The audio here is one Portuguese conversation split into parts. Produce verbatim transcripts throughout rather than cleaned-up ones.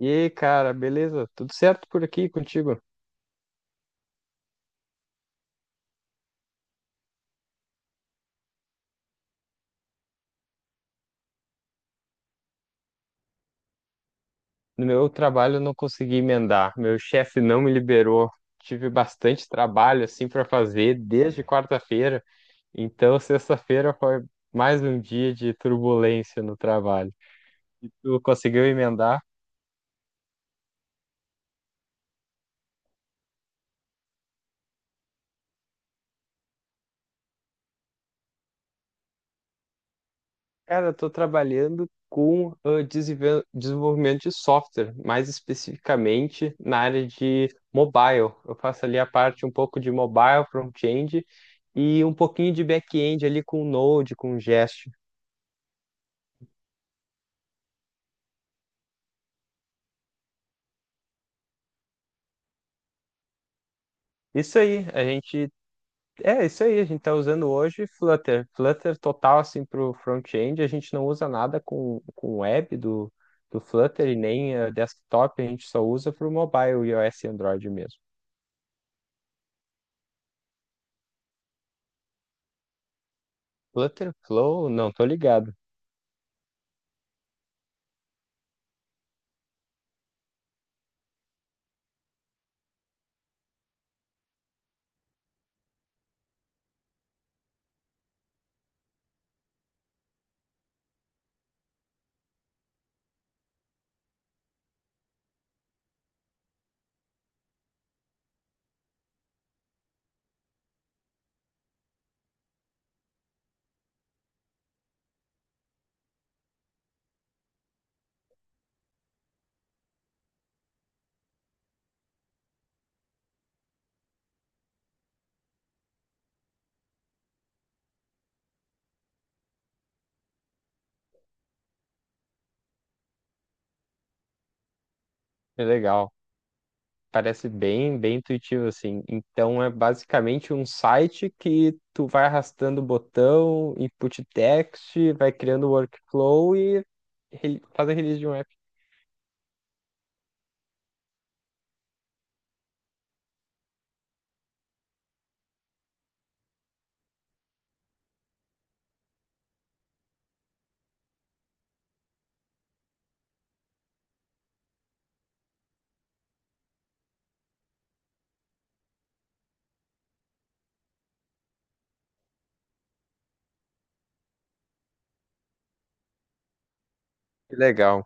E aí, cara, beleza? Tudo certo por aqui contigo? No meu trabalho eu não consegui emendar, meu chefe não me liberou. Tive bastante trabalho assim para fazer desde quarta-feira, então sexta-feira foi mais um dia de turbulência no trabalho. Tu conseguiu emendar? Cara, eu tô trabalhando com ah, desenve- desenvolvimento de software, mais especificamente na área de mobile. Eu faço ali a parte um pouco de mobile, front-end e um pouquinho de back-end ali com Node, com Jest. Isso aí, a gente é isso aí, a gente tá usando hoje Flutter, Flutter total assim para o front-end, a gente não usa nada com com web do do Flutter e nem ah, desktop, a gente só usa para o mobile, iOS e Android mesmo. Flutter Flow, não tô ligado. Que legal. Parece bem, bem intuitivo assim. Então é basicamente um site que tu vai arrastando o botão, input text, vai criando o workflow e re- faz a release de um app. Que legal.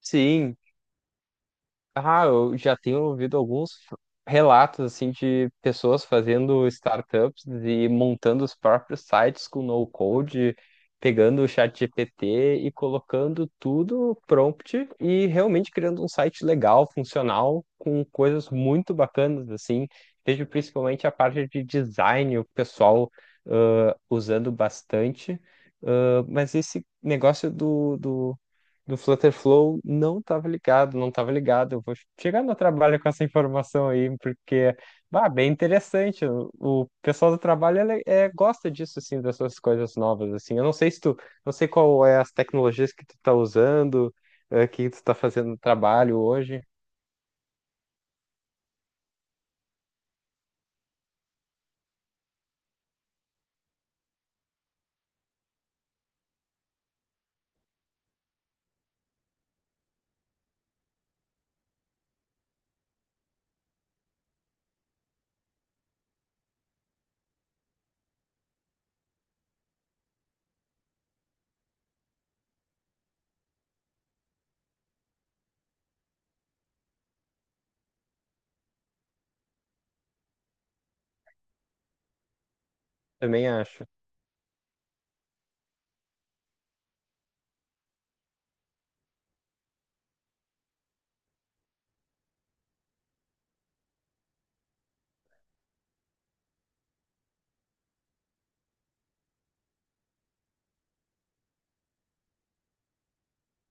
Sim, Ah, eu já tenho ouvido alguns f- relatos assim de pessoas fazendo startups e montando os próprios sites com no code, pegando o chat G P T e colocando tudo prompt e realmente criando um site legal, funcional, com coisas muito bacanas assim. Vejo principalmente a parte de design, o pessoal ah, usando bastante. Ah, mas esse negócio do, do do Flutterflow não estava ligado, não estava ligado. Eu vou chegar no trabalho com essa informação aí, porque, bah, bem interessante. O, o pessoal do trabalho ele, é, gosta disso, assim, dessas coisas novas, assim. Eu não sei se tu, não sei qual é as tecnologias que tu tá usando, eh, que tu tá fazendo no trabalho hoje. Também acho.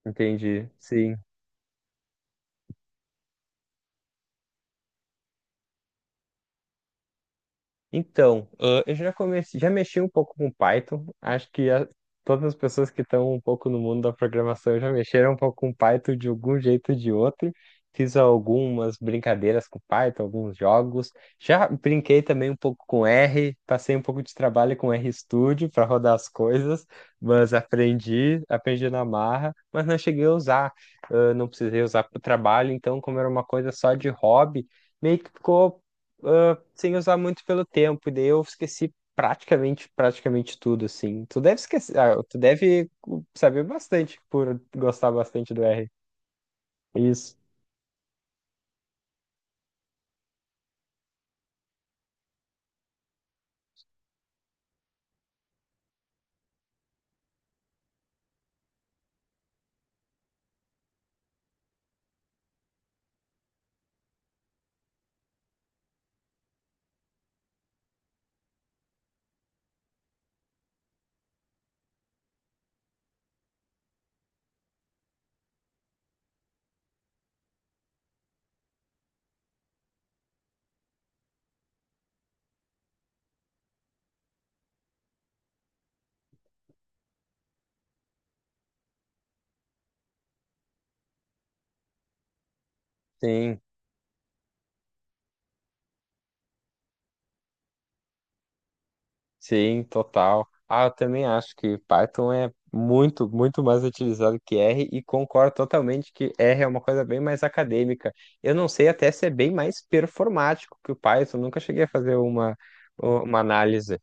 Entendi. Sim. Então, ah, eu já comecei, já mexi um pouco com Python. Acho que a- todas as pessoas que estão um pouco no mundo da programação já mexeram um pouco com Python de algum jeito ou de outro. Fiz algumas brincadeiras com Python, alguns jogos. Já brinquei também um pouco com R, passei um pouco de trabalho com RStudio para rodar as coisas, mas aprendi, aprendi na marra, mas não cheguei a usar. Ah, não precisei usar para o trabalho, então, como era uma coisa só de hobby meio que ficou ah, sem usar muito pelo tempo, e daí eu esqueci praticamente, praticamente tudo, assim. Tu deve esquecer, ah, tu deve saber bastante por gostar bastante do R. Isso. Sim, sim, total. Ah, eu também acho que Python é muito, muito mais utilizado que R e concordo totalmente que R é uma coisa bem mais acadêmica. Eu não sei até se é bem mais performático que o Python, nunca cheguei a fazer uma, uma análise.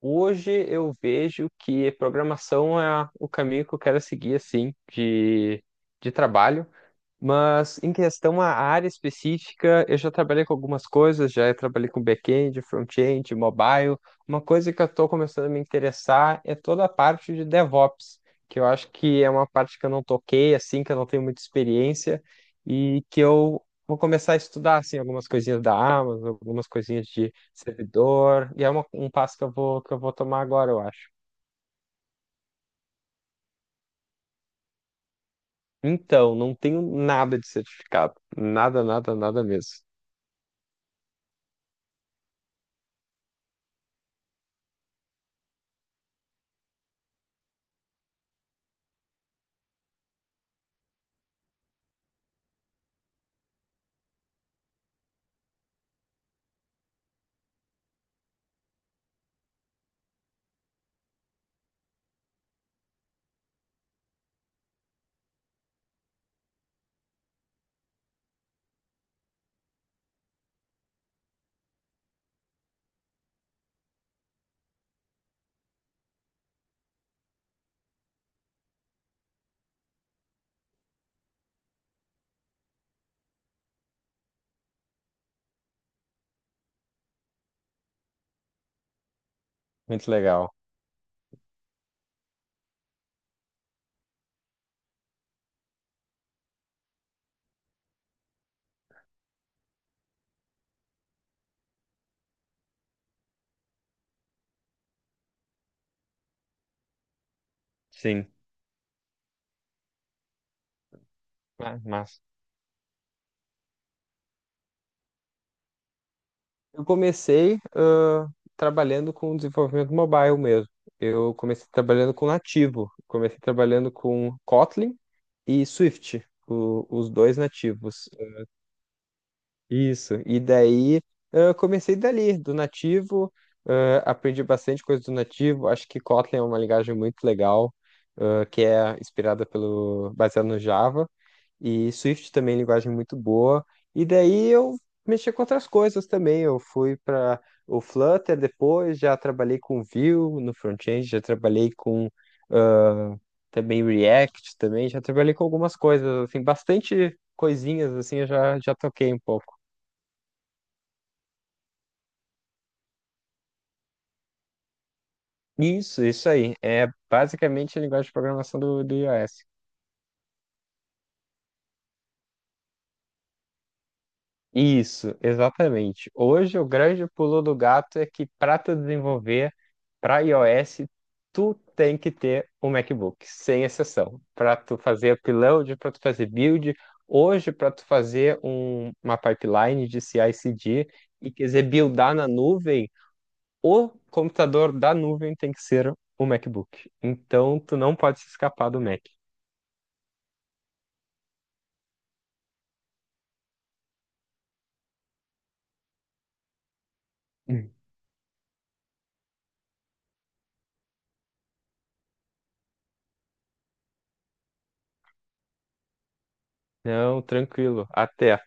Hoje eu vejo que programação é o caminho que eu quero seguir, assim, de, de trabalho. Mas em questão à área específica, eu já trabalhei com algumas coisas, já trabalhei com back-end, front-end, mobile. Uma coisa que eu estou começando a me interessar é toda a parte de DevOps, que eu acho que é uma parte que eu não toquei, assim, que eu não tenho muita experiência e que eu vou começar a estudar, assim, algumas coisinhas da Amazon, algumas coisinhas de servidor, e é uma- um passo que eu vou, que eu vou tomar agora, eu acho. Então, não tenho nada de certificado, nada, nada, nada mesmo. Muito legal. Sim. Ah, mas, eu comecei ah, trabalhando com desenvolvimento mobile mesmo. Eu comecei trabalhando com nativo, comecei trabalhando com Kotlin e Swift, o- os dois nativos. Isso. E daí ah, comecei dali, do nativo, ah, aprendi bastante coisa do nativo. Acho que Kotlin é uma linguagem muito legal, ah, que é inspirada pelo, baseada no Java. E Swift também, linguagem muito boa. E daí eu mexi com outras coisas também. Eu fui para o Flutter depois, já trabalhei com Vue no front-end, já trabalhei com também React também, já trabalhei com algumas coisas, assim, bastante coisinhas assim, eu já, já toquei um pouco. Isso, isso aí. É basicamente a linguagem de programação do, do iOS. Isso, exatamente. Hoje o grande pulo do gato é que para tu desenvolver para iOS, tu tem que ter um MacBook, sem exceção, para tu fazer upload, para tu fazer build, hoje para tu fazer um- uma pipeline de C I/C D e quiser buildar na nuvem, o computador da nuvem tem que ser o MacBook. Então tu não pode se escapar do Mac. Hum. Não, tranquilo. Até.